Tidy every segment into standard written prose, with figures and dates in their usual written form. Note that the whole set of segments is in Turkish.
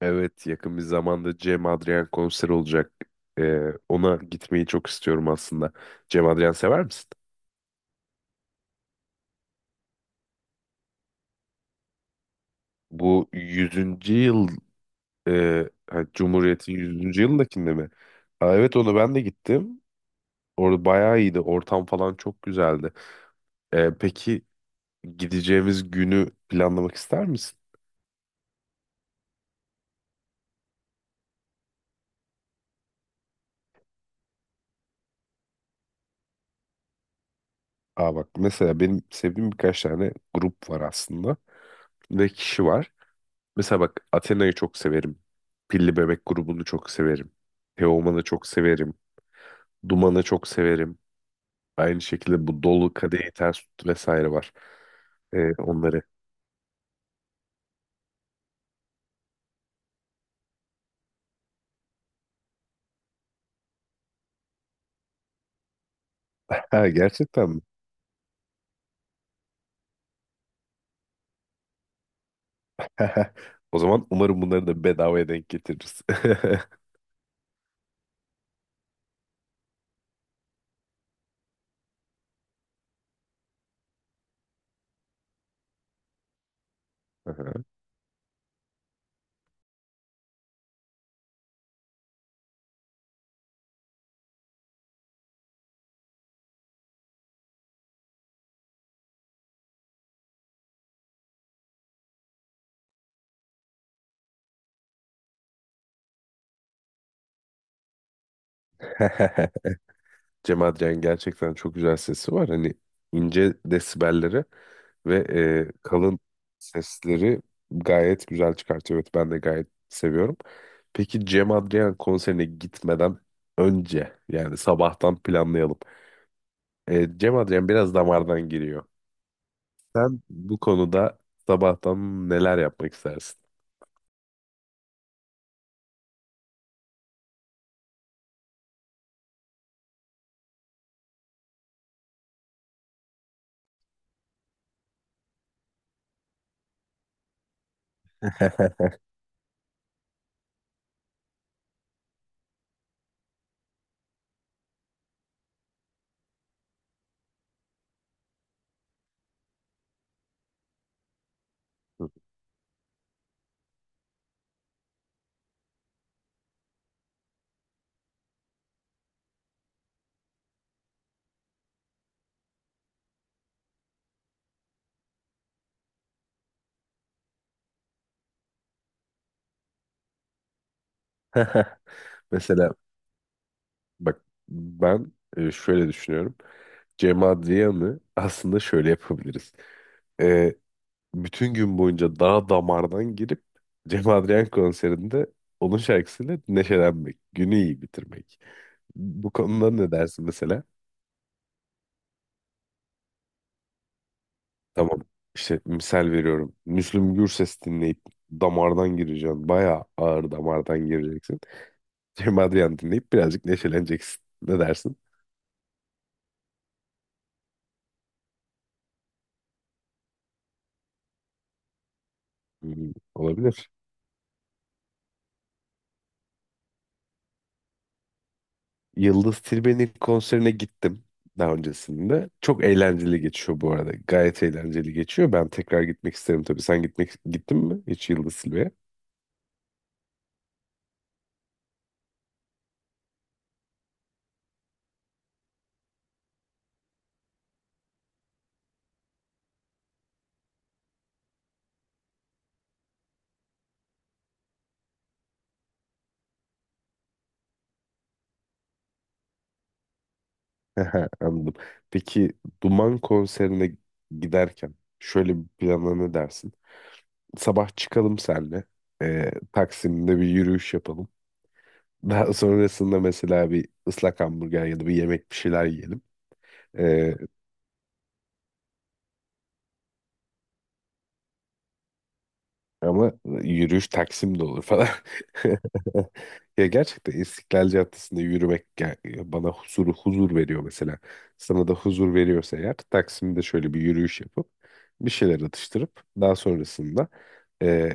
Evet yakın bir zamanda Cem Adrian konser olacak. Ee, Ona gitmeyi çok istiyorum aslında. Cem Adrian sever misin? Bu yüzüncü yıl Cumhuriyet'in yüzüncü yılındakinde mi? Aa, evet ona ben de gittim. Orada bayağı iyiydi. Ortam falan çok güzeldi. Peki gideceğimiz günü planlamak ister misin? Aa bak mesela benim sevdiğim birkaç tane grup var aslında ve kişi var. Mesela bak Athena'yı çok severim. Pilli Bebek grubunu çok severim. Teoman'ı çok severim. Duman'ı çok severim. Aynı şekilde bu Dolu Kadehi Ters Tut vesaire var. Onları. Ha, gerçekten mi? O zaman umarım bunları da bedavaya denk getiririz. Aha. Cem Adrian gerçekten çok güzel sesi var. Hani ince desibelleri ve kalın sesleri gayet güzel çıkartıyor. Evet ben de gayet seviyorum. Peki Cem Adrian konserine gitmeden önce yani sabahtan planlayalım. Cem Adrian biraz damardan giriyor. Sen bu konuda sabahtan neler yapmak istersin? Mesela bak ben şöyle düşünüyorum. Cem Adrian'ı aslında şöyle yapabiliriz. Ee, Bütün gün boyunca dağ damardan girip Cem Adrian konserinde onun şarkısıyla neşelenmek, günü iyi bitirmek. Bu konuda ne dersin mesela? Tamam işte misal veriyorum. Müslüm Gürses dinleyip damardan gireceksin. Bayağı ağır damardan gireceksin. Cem Adrian dinleyip birazcık neşeleneceksin. Ne dersin? Hmm, olabilir. Yıldız Tilbe'nin konserine gittim daha öncesinde. Çok eğlenceli geçiyor bu arada. Gayet eğlenceli geçiyor. Ben tekrar gitmek isterim tabii. Sen gitmek gittin mi hiç Yıldız Tilbe'ye? Aha, anladım. Peki Duman konserine giderken şöyle bir plana ne dersin? Sabah çıkalım senle. Taksim'de bir yürüyüş yapalım. Daha sonrasında mesela bir ıslak hamburger ya da bir yemek bir şeyler yiyelim. Ama yürüyüş Taksim'de olur falan. Ya gerçekten İstiklal Caddesi'nde yürümek bana huzur veriyor mesela. Sana da huzur veriyorsa eğer Taksim'de şöyle bir yürüyüş yapıp bir şeyler atıştırıp daha sonrasında e,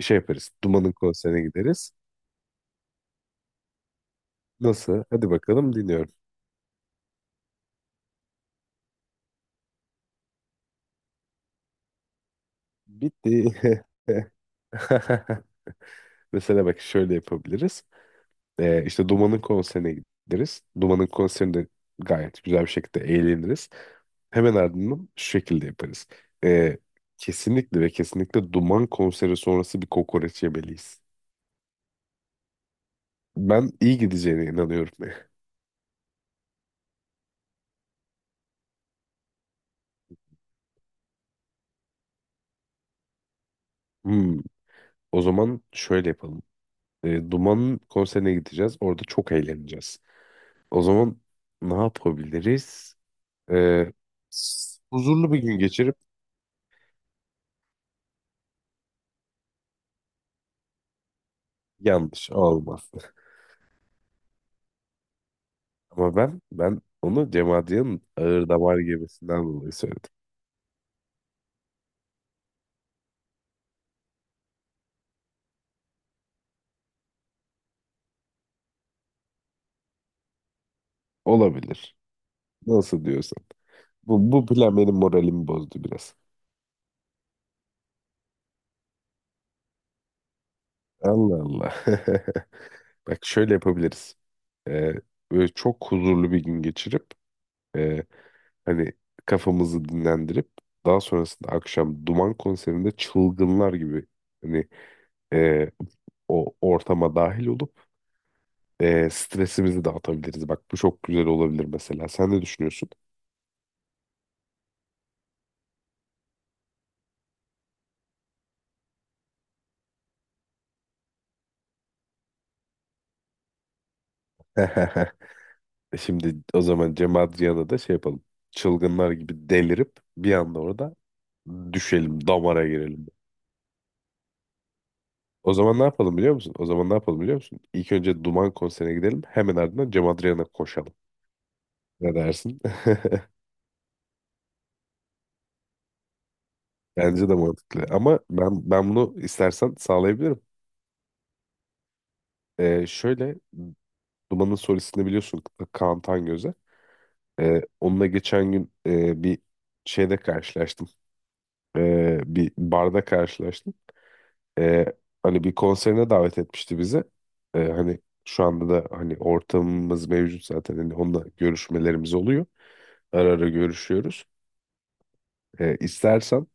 şey yaparız. Duman'ın konserine gideriz. Nasıl? Hadi bakalım dinliyorum. Bitti. Mesela bak şöyle yapabiliriz. İşte Duman'ın konserine gideriz. Duman'ın konserinde gayet güzel bir şekilde eğleniriz. Hemen ardından şu şekilde yaparız. Ee, Kesinlikle ve kesinlikle Duman konseri sonrası bir kokoreç yemeliyiz. Ben iyi gideceğine inanıyorum. Hmm, o zaman şöyle yapalım. Duman'ın konserine gideceğiz. Orada çok eğleneceğiz. O zaman ne yapabiliriz? Ee, Huzurlu bir gün geçirip yanlış olmaz. Ama ben onu Cem Adrian'ın ağır damar gemisinden dolayı söyledim. Olabilir. Nasıl diyorsan. Bu plan benim moralimi bozdu biraz. Allah Allah. Bak şöyle yapabiliriz. Ee, Böyle çok huzurlu bir gün geçirip e, hani kafamızı dinlendirip daha sonrasında akşam Duman konserinde çılgınlar gibi hani e, o ortama dahil olup stresimizi dağıtabiliriz. Bak bu çok güzel olabilir mesela. Sen ne düşünüyorsun? Şimdi o zaman Cem Adrian'a da şey yapalım. Çılgınlar gibi delirip bir anda orada düşelim, damara girelim. O zaman ne yapalım biliyor musun? O zaman ne yapalım biliyor musun? İlk önce Duman konserine gidelim. Hemen ardından Cem Adrian'a koşalım. Ne dersin? Bence de mantıklı. Ama ben bunu istersen sağlayabilirim. Şöyle Duman'ın solistini biliyorsun Kaan Tangöze. Onunla geçen gün bir şeyde karşılaştım. Bir barda karşılaştım. e, Hani bir konserine davet etmişti bizi. E, hani şu anda da hani ortamımız mevcut zaten. Hani onunla görüşmelerimiz oluyor. Ara görüşüyoruz. İstersen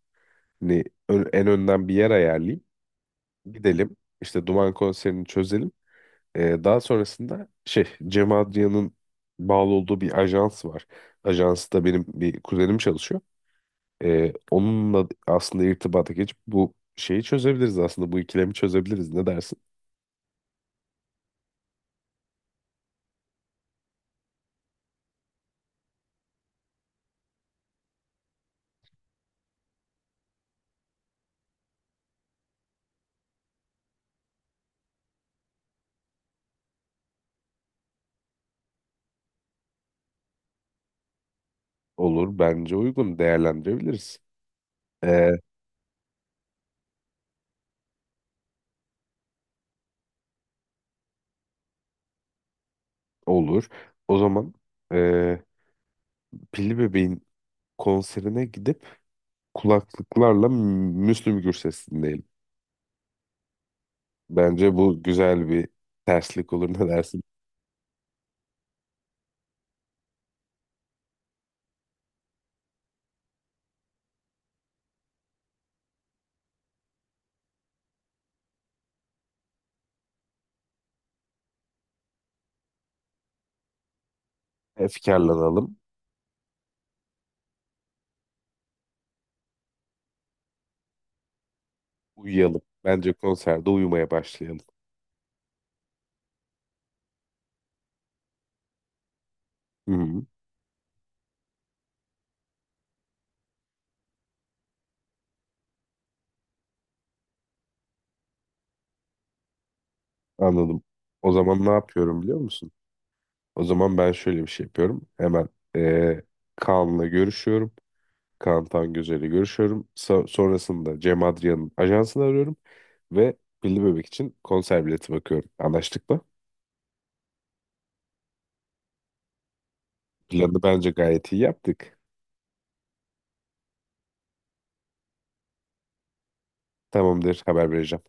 hani en önden bir yer ayarlayayım. Gidelim. İşte Duman konserini çözelim. Daha sonrasında şey Cem Adrian'ın bağlı olduğu bir ajans var. Ajansta benim bir kuzenim çalışıyor. Onunla aslında irtibata geçip bu şeyi çözebiliriz aslında. Bu ikilemi çözebiliriz. Ne dersin? Olur. Bence uygun. Değerlendirebiliriz. Ee, olur. O zaman ee, Pilli Bebeğin konserine gidip kulaklıklarla Müslüm Gürses dinleyelim. Bence bu güzel bir terslik olur. Ne dersin? Efkarlanalım. Uyuyalım. Bence konserde uyumaya başlayalım. Hı hı, anladım. O zaman ne yapıyorum biliyor musun? O zaman ben şöyle bir şey yapıyorum. Hemen ee, Kaan'la görüşüyorum. Kaan Tangözel'le görüşüyorum. Sonrasında Cem Adrian'ın ajansını arıyorum. Ve Pilli Bebek için konser bileti bakıyorum. Anlaştık mı? Planı bence gayet iyi yaptık. Tamamdır, haber vereceğim.